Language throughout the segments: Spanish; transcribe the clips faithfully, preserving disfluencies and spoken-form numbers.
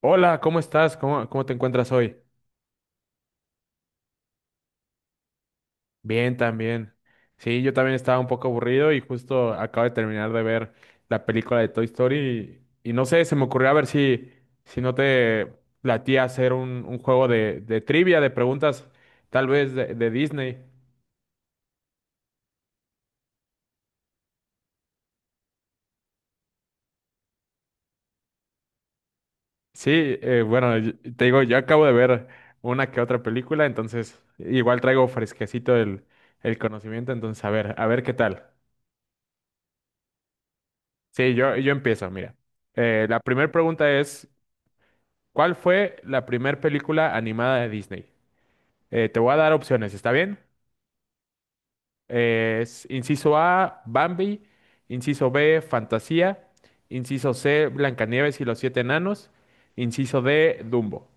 Hola, ¿cómo estás? ¿Cómo, cómo te encuentras hoy? Bien, también. Sí, yo también estaba un poco aburrido y justo acabo de terminar de ver la película de Toy Story y, y no sé, se me ocurrió a ver si, si no te latía hacer un, un juego de, de trivia, de preguntas, tal vez de, de Disney. Sí, eh, bueno, y- y te digo, yo acabo de ver una que otra película, entonces igual traigo fresquecito el, el conocimiento, entonces a ver, a ver qué tal. Sí, yo, yo empiezo, mira. Eh, la primera pregunta es, ¿cuál fue la primer película animada de Disney? Eh, te voy a dar opciones, ¿está bien? Eh, es inciso A, Bambi, inciso B, Fantasía, inciso C, Blancanieves y los siete enanos, inciso D, Dumbo.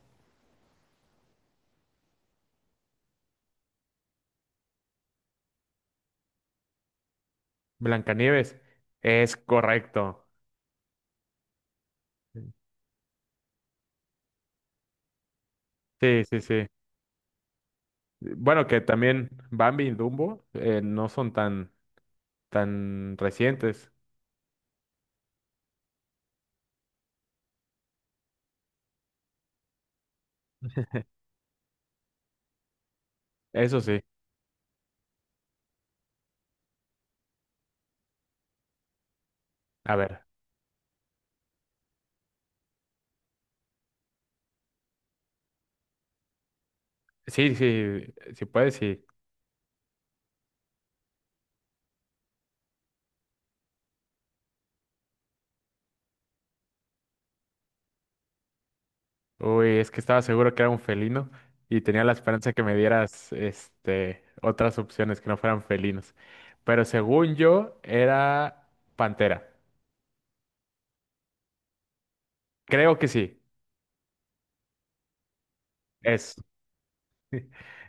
Blancanieves, es correcto. Sí, sí, sí. Bueno, que también Bambi y Dumbo eh, no son tan, tan recientes. Eso sí. A ver, sí, sí, si puedes, sí. Uy, es que estaba seguro que era un felino y tenía la esperanza que me dieras este, otras opciones que no fueran felinos. Pero según yo, era pantera. Creo que sí, es.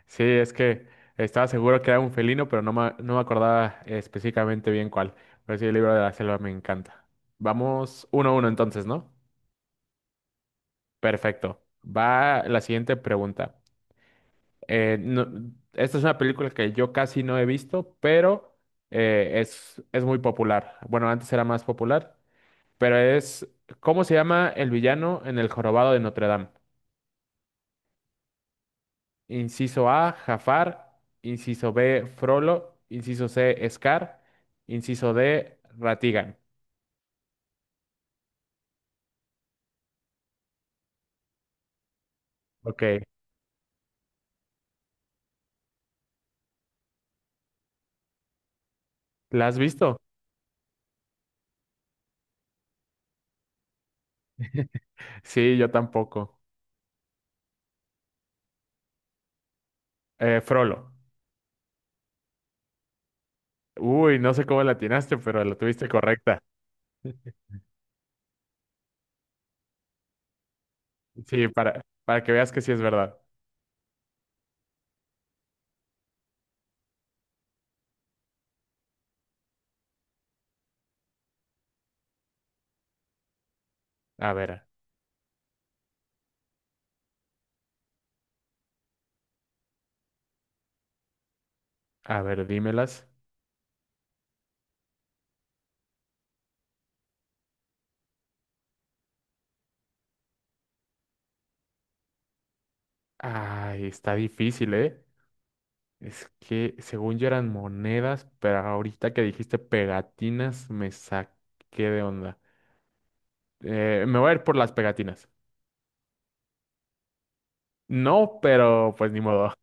Sí, es que estaba seguro que era un felino, pero no me, no me acordaba específicamente bien cuál. Pero sí, el libro de la selva me encanta. Vamos uno a uno entonces, ¿no? Perfecto. Va la siguiente pregunta. Eh, no- Esta es una película que yo casi no he visto, pero eh, es, es muy popular. Bueno, antes era más popular, pero es, ¿cómo se llama el villano en El Jorobado de Notre Dame? Inciso A, Jafar. Inciso B, Frollo. Inciso C, Scar. Inciso D, Ratigan. Ok, ¿la has visto? Sí, yo tampoco. Eh, Frollo. Uy, no sé cómo la atinaste, pero la tuviste correcta. Sí, para, para que veas que sí es verdad. A ver. A ver, dímelas. Ay, está difícil, ¿eh? Es que según yo eran monedas, pero ahorita que dijiste pegatinas me saqué de onda. Eh, me voy a ir por las pegatinas. No, pero pues ni modo.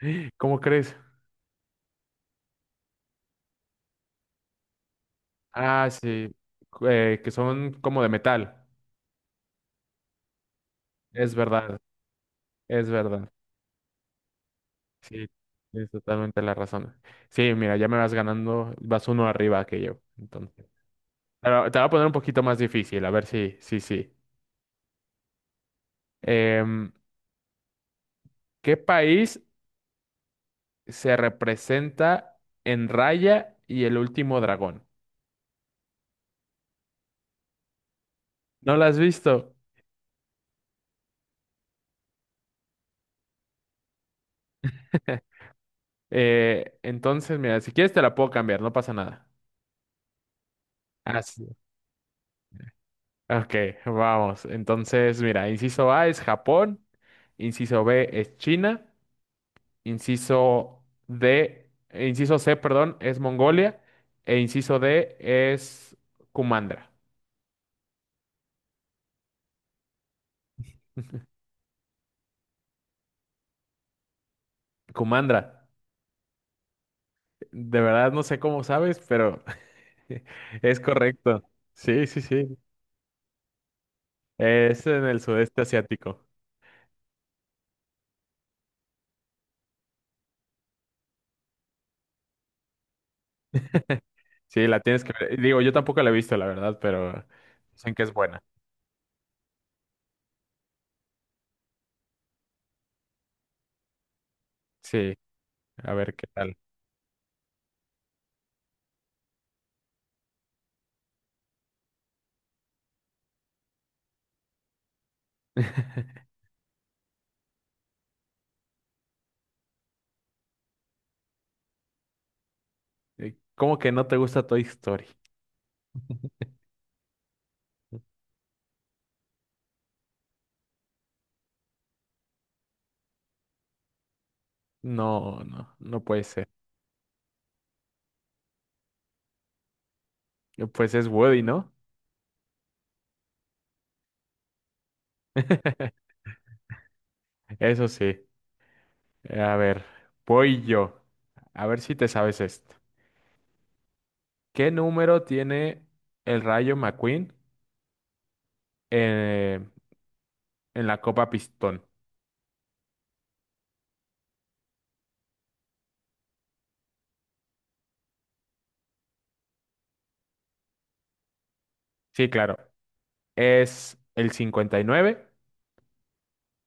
¿Cómo crees? Ah, sí. Eh, que son como de metal. Es verdad, es verdad. Sí, es totalmente la razón. Sí, mira, ya me vas ganando, vas uno arriba que yo. Entonces, pero te voy a poner un poquito más difícil, a ver si, sí, sí. ¿Qué país se representa en Raya y el último dragón? ¿No la has visto? Eh, entonces, mira, si quieres te la puedo cambiar, no pasa nada. Ah, sí. Ok, vamos. Entonces, mira, inciso A es Japón, inciso B es China, inciso D, eh, inciso C, perdón, es Mongolia, e inciso D es Kumandra. Kumandra, de verdad no sé cómo sabes, pero es correcto. Sí, sí, sí. Es en el sudeste asiático. Sí, la tienes que ver. Digo, yo tampoco la he visto, la verdad, pero dicen que es buena. Sí, a ver qué tal. Eh, ¿Cómo que no te gusta Toy Story? No, no, no puede ser. Eh, Pues es Woody, ¿no? Eso sí. Eh, A ver, voy yo. A ver si te sabes esto. ¿Qué número tiene el Rayo McQueen eh, en la Copa Pistón? Sí, claro. Es el cincuenta y nueve,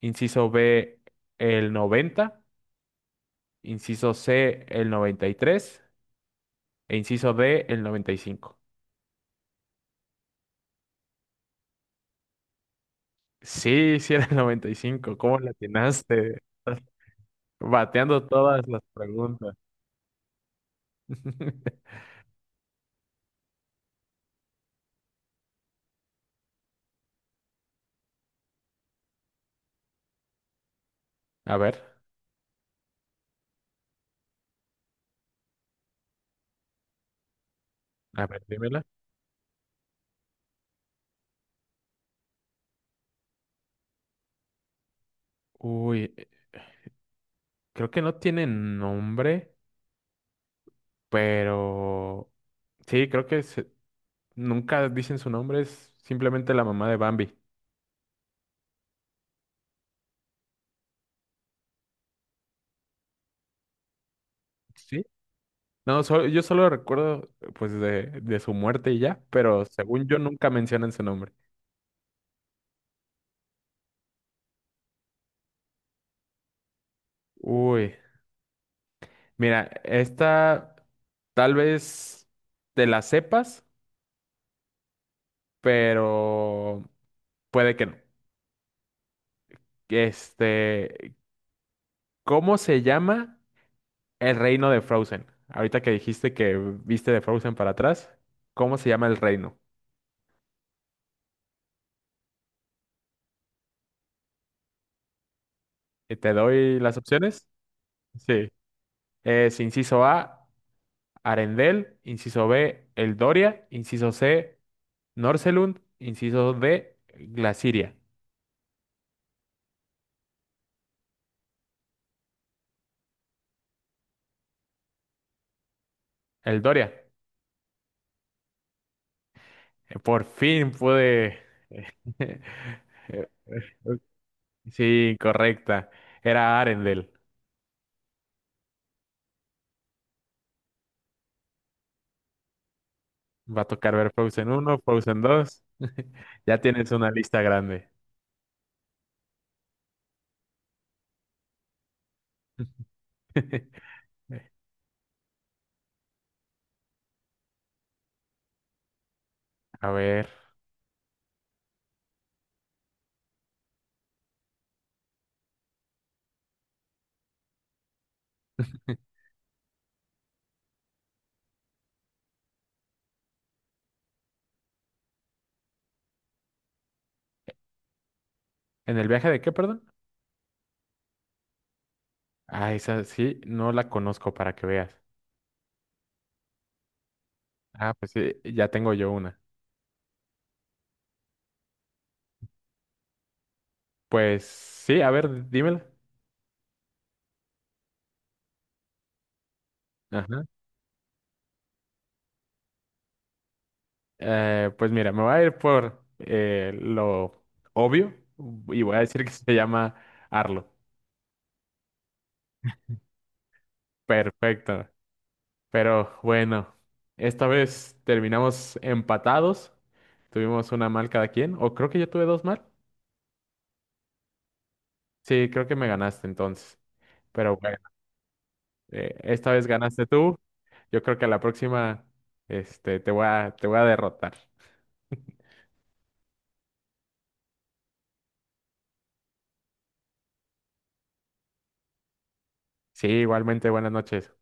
inciso B el noventa, inciso C el noventa y tres e inciso D el noventa y cinco. Sí, sí era el noventa y cinco. ¿Cómo la atinaste? Estás bateando todas las preguntas. A ver, a ver, dímela. Uy, eh, creo que no tiene nombre, pero sí, creo que se- nunca dicen su nombre, es simplemente la mamá de Bambi. Sí. No, solo- Yo solo recuerdo pues de, de su muerte y ya, pero según yo nunca mencionan su nombre. Uy, mira, esta tal vez te la sepas, pero puede que no. Este, ¿cómo se llama el reino de Frozen? Ahorita que dijiste que viste de Frozen para atrás, ¿cómo se llama el reino? Eh, ¿Te doy las opciones? Sí. Es inciso A, Arendelle, inciso B, Eldoria, inciso C, Norselund, inciso D, Glaciria. El Doria. Eh, Por fin pude. Sí, correcta. Era Arendelle. Va a tocar ver Frozen uno, Frozen dos. Ya tienes una lista grande. A ver. ¿En el viaje de qué, perdón? Ah, esa sí, no la conozco para que veas. Ah, pues sí, ya tengo yo una. Pues sí, a ver, dímela. Ajá. Eh, pues mira, me voy a ir por eh, lo obvio y voy a decir que se llama Arlo. Perfecto. Pero bueno, esta vez terminamos empatados. Tuvimos una mal cada quien. O creo que yo tuve dos mal. Sí, creo que me ganaste entonces. Pero bueno, eh, esta vez ganaste tú. Yo creo que a la próxima este, te voy a, te voy a derrotar. Sí, igualmente, buenas noches.